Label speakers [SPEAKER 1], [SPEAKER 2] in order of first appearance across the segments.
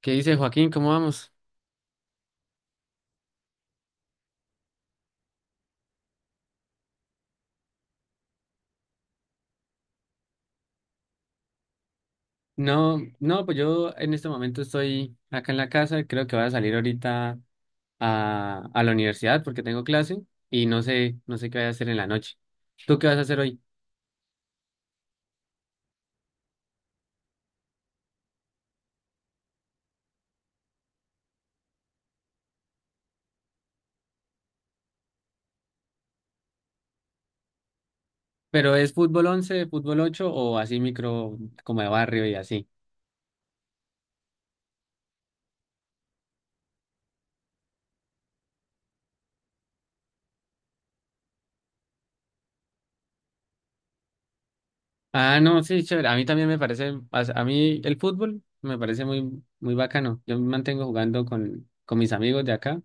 [SPEAKER 1] ¿Qué dice Joaquín? ¿Cómo vamos? No, no, pues yo en este momento estoy acá en la casa, creo que voy a salir ahorita a la universidad porque tengo clase y no sé, no sé qué voy a hacer en la noche. ¿Tú qué vas a hacer hoy? ¿Pero es fútbol 11, fútbol 8 o así micro como de barrio y así? Ah, no, sí, chévere. A mí también me parece, a mí el fútbol me parece muy, muy bacano. Yo me mantengo jugando con mis amigos de acá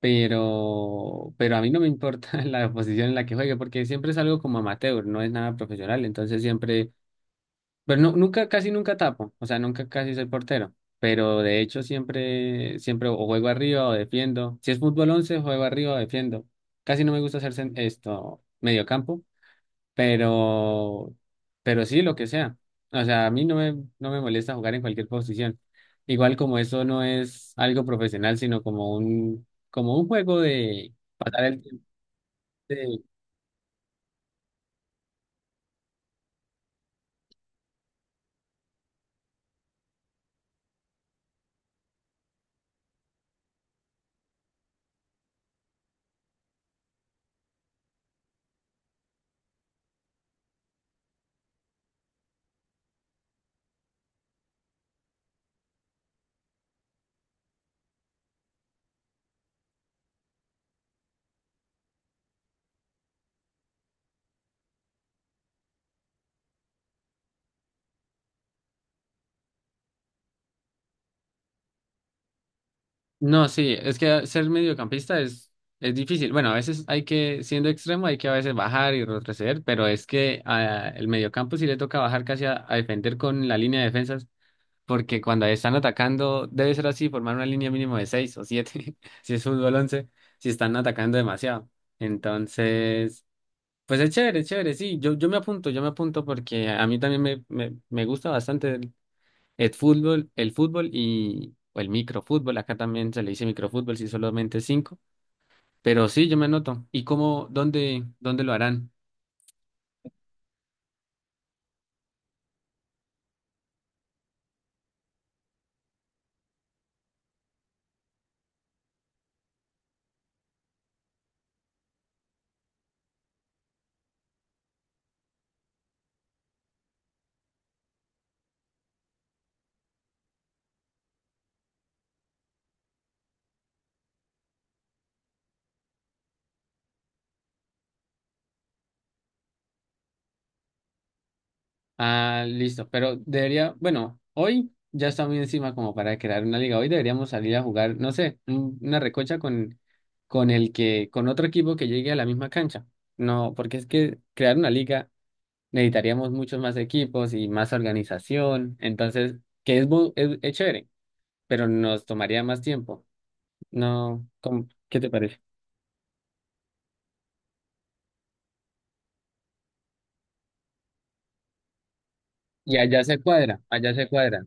[SPEAKER 1] pero a mí no me importa la posición en la que juegue, porque siempre es algo como amateur, no es nada profesional, entonces siempre, pero no, nunca, casi nunca tapo, o sea, nunca casi soy portero, pero de hecho siempre, siempre o juego arriba o defiendo, si es fútbol 11 juego arriba o defiendo, casi no me gusta hacer esto, mediocampo pero, pero sí, lo que sea. O sea, a mí no me, no me molesta jugar en cualquier posición. Igual como eso no es algo profesional, sino como un juego de pasar el tiempo. de- No, sí, es que ser mediocampista es difícil. Bueno, a veces hay que, siendo extremo, hay que a veces bajar y retroceder, pero es que el mediocampo sí le toca bajar casi a defender con la línea de defensa porque cuando están atacando, debe ser así, formar una línea mínimo de 6 o 7, si es fútbol 11 si están atacando demasiado. Entonces, pues es chévere, sí, yo, yo me apunto porque a mí también me gusta bastante el fútbol y o el microfútbol, acá también se le dice microfútbol, si solamente 5, pero sí, yo me anoto. ¿Y cómo, dónde, dónde lo harán? Ah, listo, pero debería, bueno, hoy ya está muy encima como para crear una liga. Hoy deberíamos salir a jugar, no sé, una recocha con el que, con otro equipo que llegue a la misma cancha. No, porque es que crear una liga necesitaríamos muchos más equipos y más organización. Entonces, que es, es chévere, pero nos tomaría más tiempo. No, ¿cómo? ¿Qué te parece? Y allá se cuadra, allá se cuadra.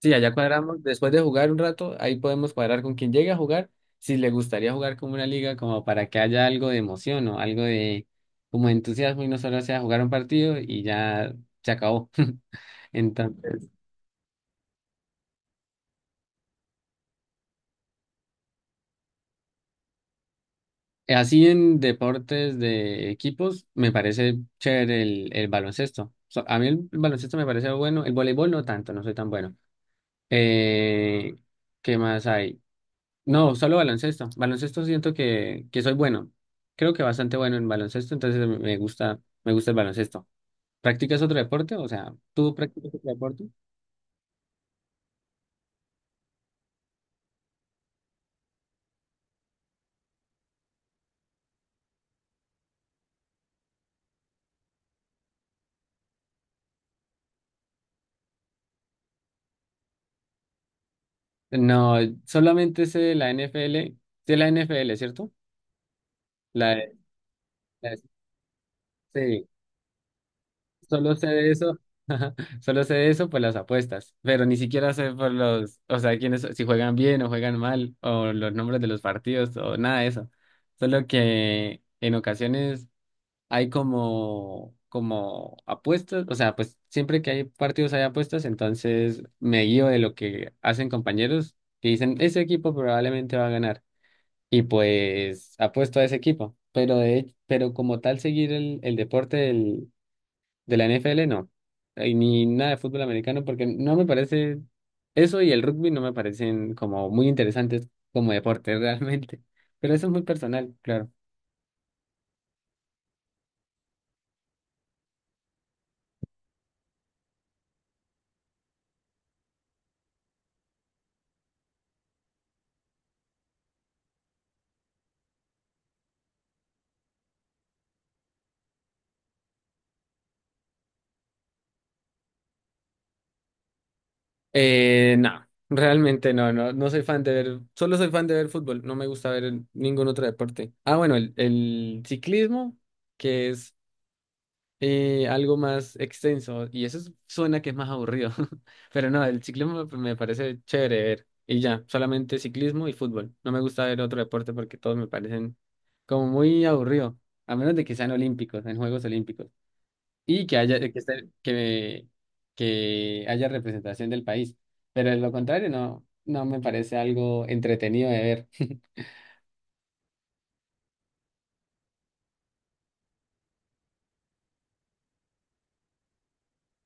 [SPEAKER 1] Sí, allá cuadramos, después de jugar un rato, ahí podemos cuadrar con quien llegue a jugar, si le gustaría jugar como una liga, como para que haya algo de emoción o algo de como de entusiasmo y no solo sea jugar un partido y ya se acabó. Entonces, así en deportes de equipos, me parece chévere el baloncesto. A mí el, baloncesto me parece bueno, el voleibol no tanto, no soy tan bueno. Eh, ¿Qué más hay? No, solo baloncesto. Baloncesto siento que soy bueno. Creo que bastante bueno en baloncesto, entonces me gusta, me gusta el baloncesto. ¿Practicas otro deporte? O sea, ¿tú practicas otro deporte? No, solamente sé de la NFL, sé la NFL, ¿cierto? La, la- sí, solo sé de eso, solo sé de eso por las apuestas, pero ni siquiera sé por los, o sea, quiénes, si juegan bien o juegan mal, o los nombres de los partidos, o nada de eso. Solo que en ocasiones hay como, como apuestas, o sea, pues siempre que hay partidos hay apuestas, entonces me guío de lo que hacen compañeros que dicen, ese equipo probablemente va a ganar y pues apuesto a ese equipo, pero de, pero como tal seguir el deporte del, de la NFL no, y ni nada de fútbol americano porque no me parece eso y el rugby no me parecen como muy interesantes como deporte realmente, pero eso es muy personal, claro. No, realmente no, no, no soy fan de ver, solo soy fan de ver fútbol, no me gusta ver ningún otro deporte. Ah, bueno, el ciclismo, que es algo más extenso, y suena que es más aburrido, pero no, el ciclismo me parece chévere ver, y ya, solamente ciclismo y fútbol. No me gusta ver otro deporte porque todos me parecen como muy aburrido, a menos de que sean olímpicos, en Juegos Olímpicos y que haya, que, que haya representación del país. Pero de lo contrario, no, no me parece algo entretenido de ver.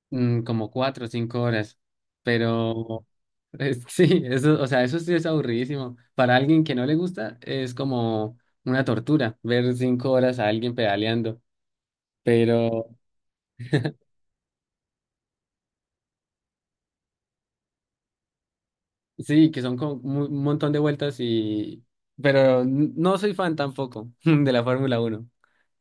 [SPEAKER 1] Mm, como 4 o 5 horas. Pero sí, eso, o sea, eso sí es aburridísimo. Para alguien que no le gusta, es como una tortura ver 5 horas a alguien pedaleando. Pero sí, que son como un montón de vueltas y... Pero no soy fan tampoco de la Fórmula uno.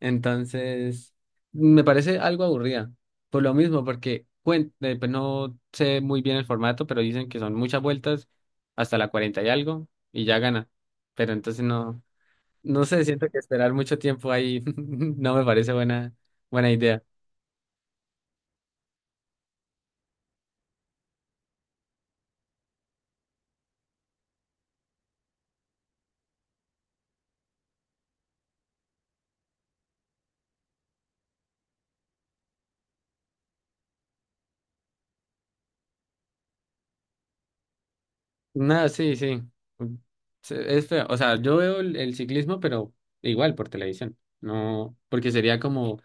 [SPEAKER 1] Entonces, me parece algo aburrida. Por lo mismo, porque pues no sé muy bien el formato, pero dicen que son muchas vueltas, hasta la 40 y algo, y ya gana. Pero entonces no, no sé, siento que esperar mucho tiempo ahí no me parece buena, buena idea. No, sí, sí. Mm, sí, es feo. O sea, yo veo el ciclismo, pero igual por televisión. No, porque sería como,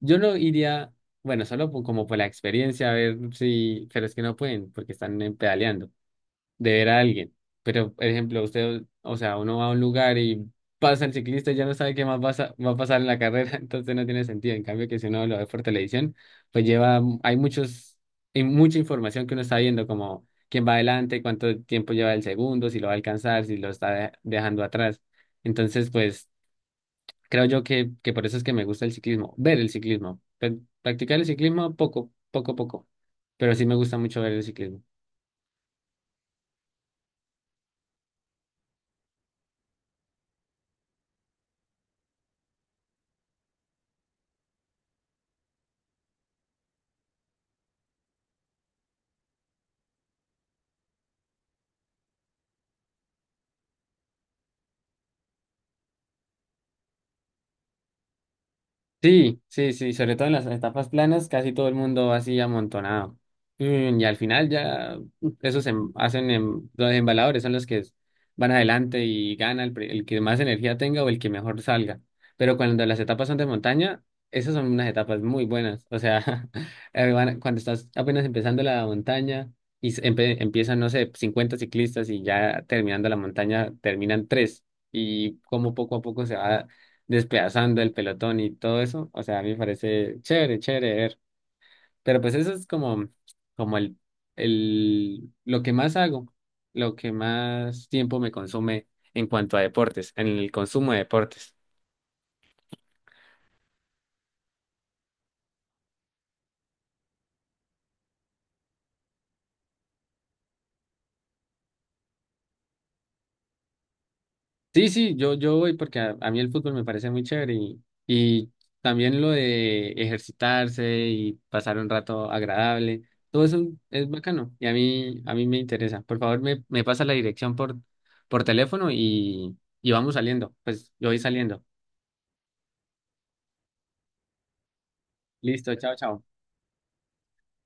[SPEAKER 1] yo no iría, bueno, solo como por la experiencia, a ver si, pero es que no pueden, porque están pedaleando de ver a alguien. Pero, por ejemplo, usted, o sea, uno va a un lugar y pasa el ciclista y ya no sabe qué más va a, va a pasar en la carrera, entonces no tiene sentido. En cambio, que si uno lo ve por televisión, pues lleva, hay muchos, hay mucha información que uno está viendo, como quién va adelante, cuánto tiempo lleva el segundo, si lo va a alcanzar, si lo está dejando atrás. Entonces, pues, creo yo que por eso es que me gusta el ciclismo, ver el ciclismo, practicar el ciclismo poco, poco, poco, pero sí me gusta mucho ver el ciclismo. Sí, sí, sí, sobre todo en las etapas planas, casi todo el mundo va así amontonado. Mm, y al final ya mm, hacen los embaladores son los que van adelante y gana el, el que más energía tenga o el que mejor salga. Pero cuando las etapas son de montaña, esas son unas etapas muy buenas. O sea, cuando estás apenas empezando la montaña y empiezan, no sé, 50 ciclistas y ya terminando la montaña terminan tres. Y como poco a poco se va despedazando el pelotón y todo eso. O sea, a mí me parece chévere, chévere ver. Pero pues eso es como, como el, lo que más hago, lo que más tiempo me consume en cuanto a deportes, en el consumo de deportes. Sí, sí, yo voy porque a mí el fútbol me parece muy chévere y también lo de ejercitarse y pasar un rato agradable, todo eso es bacano y a mí me interesa. Por favor, me pasa la dirección por teléfono y vamos saliendo. Pues yo voy saliendo. Listo, chao, chao.